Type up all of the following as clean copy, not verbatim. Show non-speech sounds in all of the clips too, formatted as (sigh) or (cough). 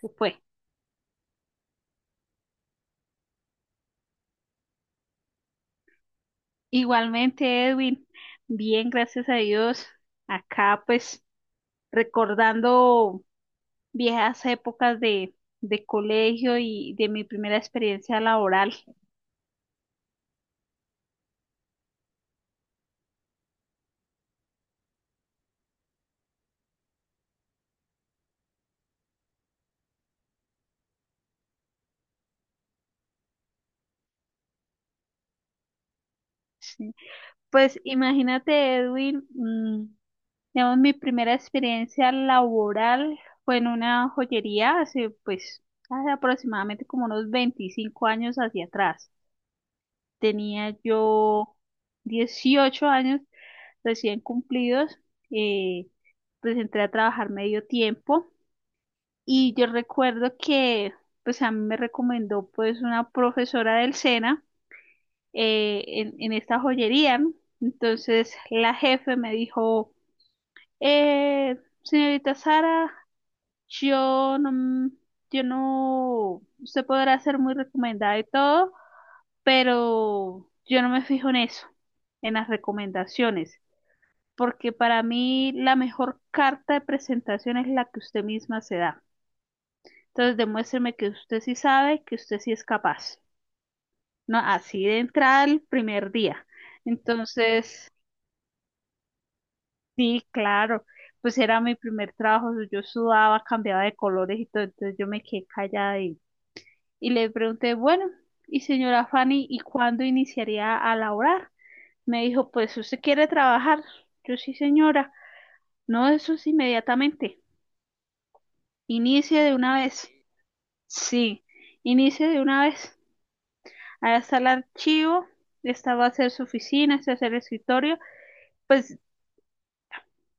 Se fue. Igualmente, Edwin, bien, gracias a Dios. Acá, pues, recordando viejas épocas de colegio y de mi primera experiencia laboral. Sí. Pues, imagínate, Edwin, digamos, mi primera experiencia laboral fue en una joyería hace, pues, hace aproximadamente como unos 25 años hacia atrás. Tenía yo 18 años recién cumplidos, eh, pues entré a trabajar medio tiempo y yo recuerdo que pues a mí me recomendó pues una profesora del SENA en esta joyería, ¿no? Entonces la jefe me dijo, eh, señorita Sara, yo no, mm, yo no, usted podrá ser muy recomendada y todo, pero yo no me fijo en eso, en las recomendaciones. Porque para mí la mejor carta de presentación es la que usted misma se da. Entonces demuéstreme que usted sí sabe, que usted sí es capaz. No, así de entrada el primer día. Entonces, sí, claro, pues era mi primer trabajo, yo sudaba, cambiaba de colores y todo, entonces yo me quedé callada y le pregunté, bueno, y señora Fanny, ¿y cuándo iniciaría a laborar? Me dijo, pues usted quiere trabajar. Yo sí, señora. No, eso es inmediatamente. Inicie de una vez. Sí, inicie de una vez. Ahí está el archivo, esta va a ser su oficina, este es el escritorio. Pues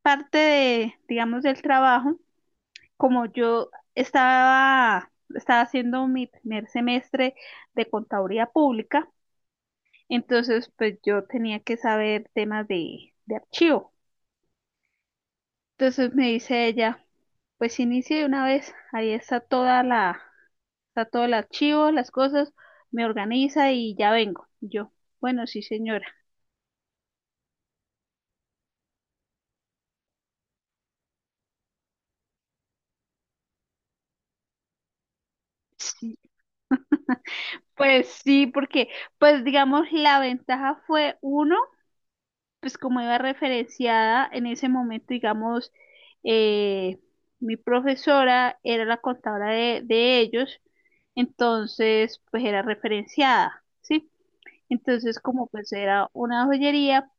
parte de, digamos, del trabajo, como yo estaba haciendo mi primer semestre de contaduría pública, entonces pues yo tenía que saber temas de archivo. Entonces me dice ella, pues inicie de una vez, ahí está está todo el archivo, las cosas, me organiza y ya vengo. Y yo, bueno, sí, señora. Sí, pues sí, porque, pues digamos, la ventaja fue uno, pues como iba referenciada en ese momento, digamos, eh, mi profesora era la contadora de ellos, entonces, pues era referenciada, ¿sí? Entonces, como pues era una joyería,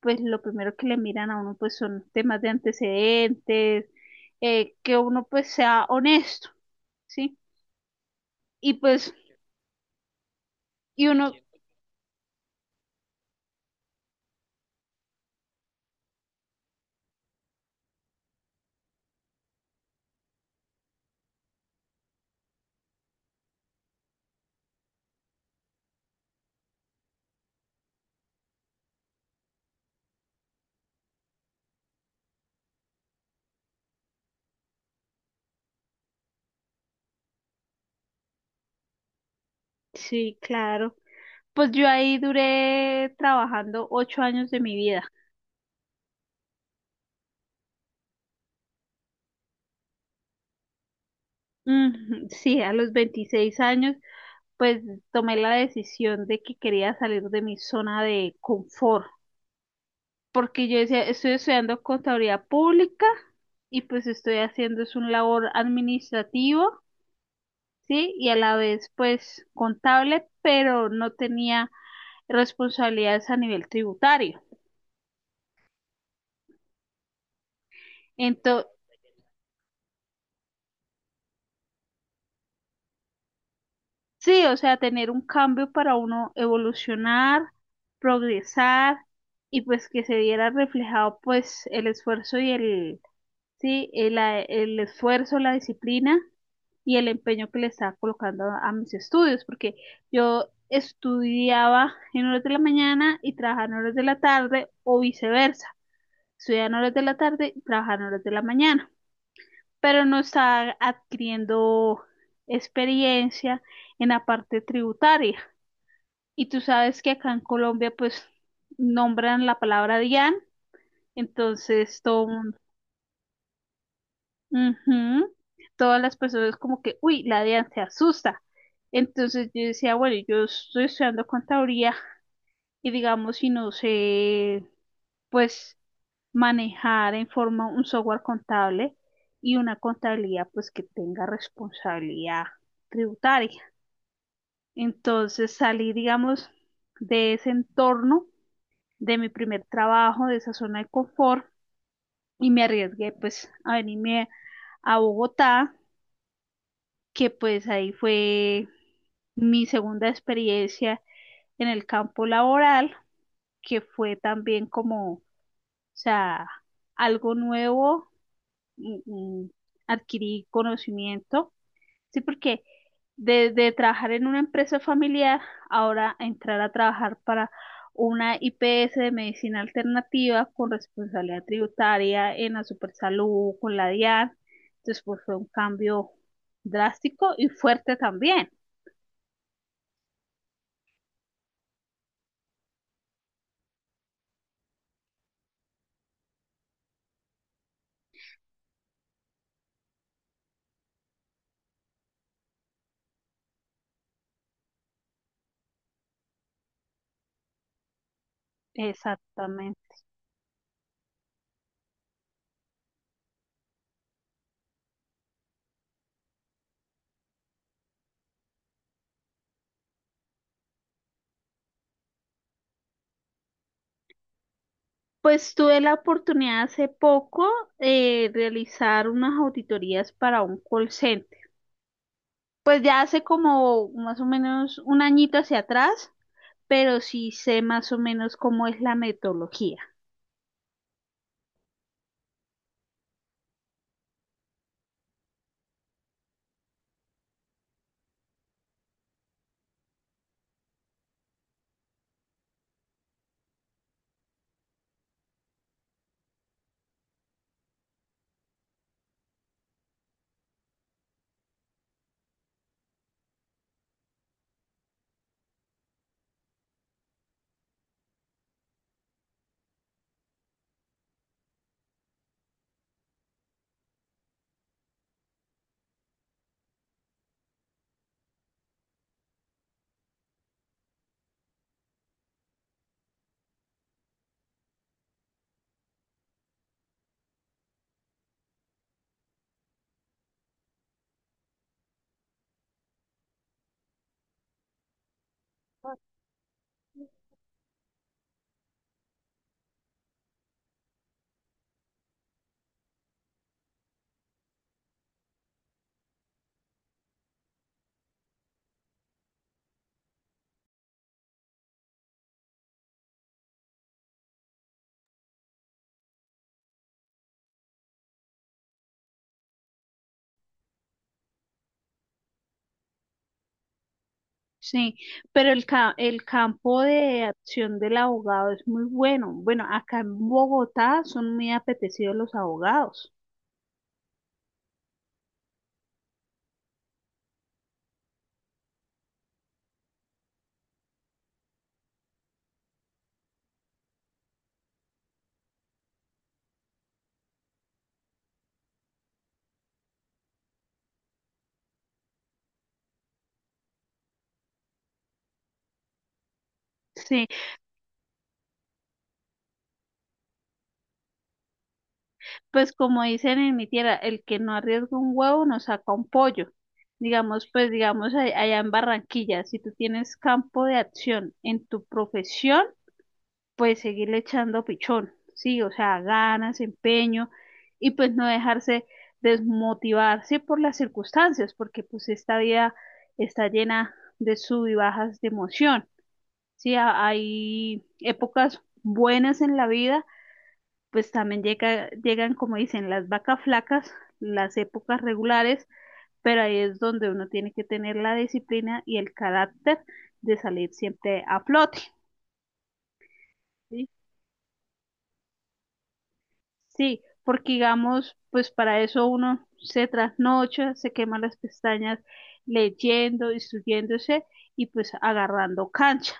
pues lo primero que le miran a uno, pues son temas de antecedentes, que uno pues sea honesto, ¿sí? Y pues, y uno, sí, claro. Pues yo ahí duré trabajando 8 años de mi vida. (laughs) Sí, a los 26 años, pues tomé la decisión de que quería salir de mi zona de confort, porque yo decía, estoy estudiando contabilidad pública y pues estoy haciendo es un labor administrativo, sí, y a la vez pues contable, pero no tenía responsabilidades a nivel tributario. Ento- Sí, o sea, tener un cambio para uno evolucionar, progresar y pues que se viera reflejado pues el esfuerzo y el esfuerzo, la disciplina y el empeño que le estaba colocando a mis estudios, porque yo estudiaba en horas de la mañana y trabajaba en horas de la tarde o viceversa, estudiaba en horas de la tarde y trabajaba en horas de la mañana, pero no estaba adquiriendo experiencia en la parte tributaria. Y tú sabes que acá en Colombia, pues, nombran la palabra DIAN, entonces todo mundo, ujú, todas las personas como que, uy, la DIAN se asusta. Entonces yo decía, bueno, yo estoy estudiando contaduría y digamos, si no sé, pues, manejar en forma un software contable y una contabilidad, pues, que tenga responsabilidad tributaria. Entonces salí, digamos, de ese entorno de mi primer trabajo, de esa zona de confort y me arriesgué pues a venirme a Bogotá, que pues ahí fue mi segunda experiencia en el campo laboral, que fue también como, o sea, algo nuevo, mm, mm, adquirí conocimiento, sí, porque de trabajar en una empresa familiar, ahora entrar a trabajar para una IPS de medicina alternativa con responsabilidad tributaria en la Supersalud, con la DIAN. Entonces, pues fue un cambio drástico y fuerte también. Exactamente. Pues tuve la oportunidad hace poco de realizar unas auditorías para un call center. Pues ya hace como más o menos un añito hacia atrás, pero sí sé más o menos cómo es la metodología. Sí, pero el campo de acción del abogado es muy bueno. Bueno, acá en Bogotá son muy apetecidos los abogados. Sí, pues como dicen en mi tierra, el que no arriesga un huevo no saca un pollo. Digamos, pues digamos allá en Barranquilla, si tú tienes campo de acción en tu profesión, pues seguirle echando pichón, sí, o sea, ganas, empeño y pues no dejarse desmotivarse por las circunstancias, porque pues esta vida está llena de sub y bajas de emoción, sí, hay épocas buenas en la vida, pues también llegan, como dicen, las vacas flacas, las épocas regulares, pero ahí es donde uno tiene que tener la disciplina y el carácter de salir siempre a flote. ¿Sí? Sí, porque digamos, pues para eso uno se trasnocha, se quema las pestañas leyendo, instruyéndose y pues agarrando cancha.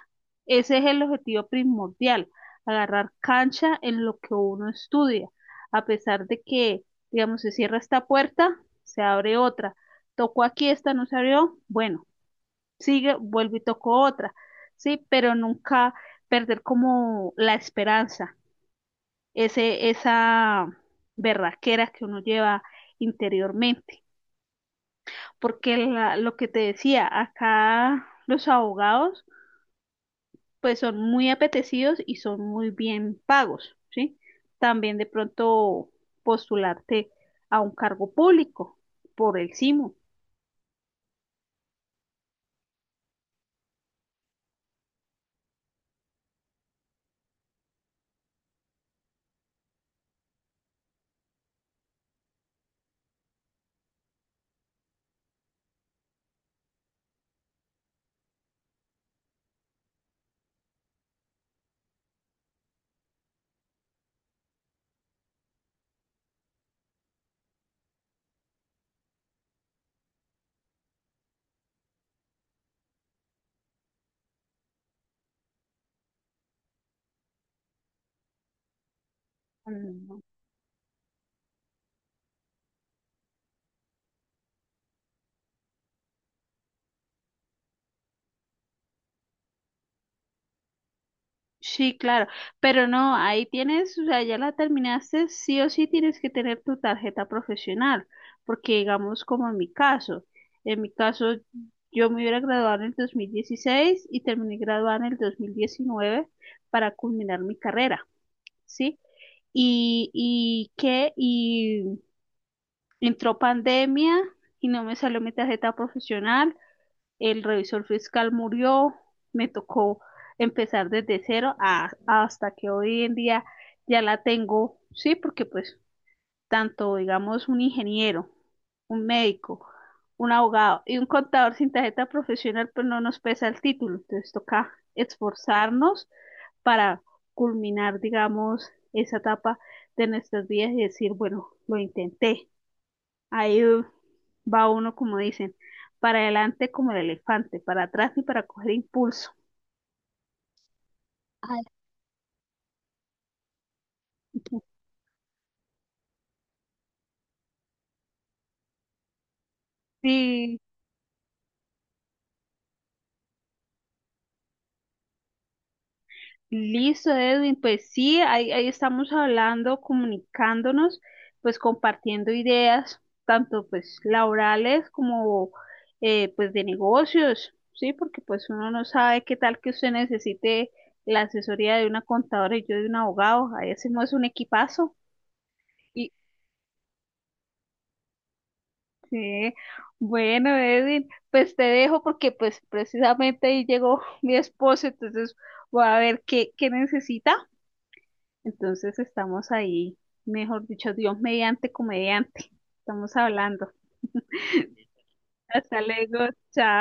Ese es el objetivo primordial, agarrar cancha en lo que uno estudia. A pesar de que, digamos, se cierra esta puerta, se abre otra. Tocó aquí, esta no se abrió, bueno, sigue, vuelvo y toco otra. Sí, pero nunca perder como la esperanza esa berraquera que uno lleva interiormente. Porque lo que te decía, acá los abogados pues son muy apetecidos y son muy bien pagos, ¿sí? También de pronto postularte a un cargo público por el SIMO. Mm, sí, claro, pero no, ahí tienes, o sea, ya la terminaste, sí o sí tienes que tener tu tarjeta profesional, porque digamos como en mi caso, en mi caso yo me hubiera graduado en el 2016 y terminé graduada en el 2019 para culminar mi carrera, ¿sí? Y entró pandemia y no me salió mi tarjeta profesional. El revisor fiscal murió, me tocó empezar desde cero hasta que hoy en día ya la tengo, sí, porque pues tanto, digamos, un ingeniero, un médico, un abogado y un contador sin tarjeta profesional, pues no nos pesa el título, entonces toca esforzarnos para culminar, digamos, esa etapa de nuestras vidas y decir, bueno, lo intenté. Ahí va uno, como dicen, para adelante como el elefante, para atrás ni para coger impulso. Ay, sí, listo, Edwin. Pues sí, ahí estamos hablando, comunicándonos, pues compartiendo ideas, tanto pues laborales como pues de negocios, sí, porque pues uno no sabe qué tal que usted necesite la asesoría de una contadora y yo de un abogado. Ahí hacemos un equipazo. Sí, bueno, Edwin, pues te dejo porque pues precisamente ahí llegó (laughs) mi esposo, entonces voy a ver qué necesita. Entonces estamos ahí, mejor dicho, Dios mediante, comediante. Estamos hablando. Hasta luego.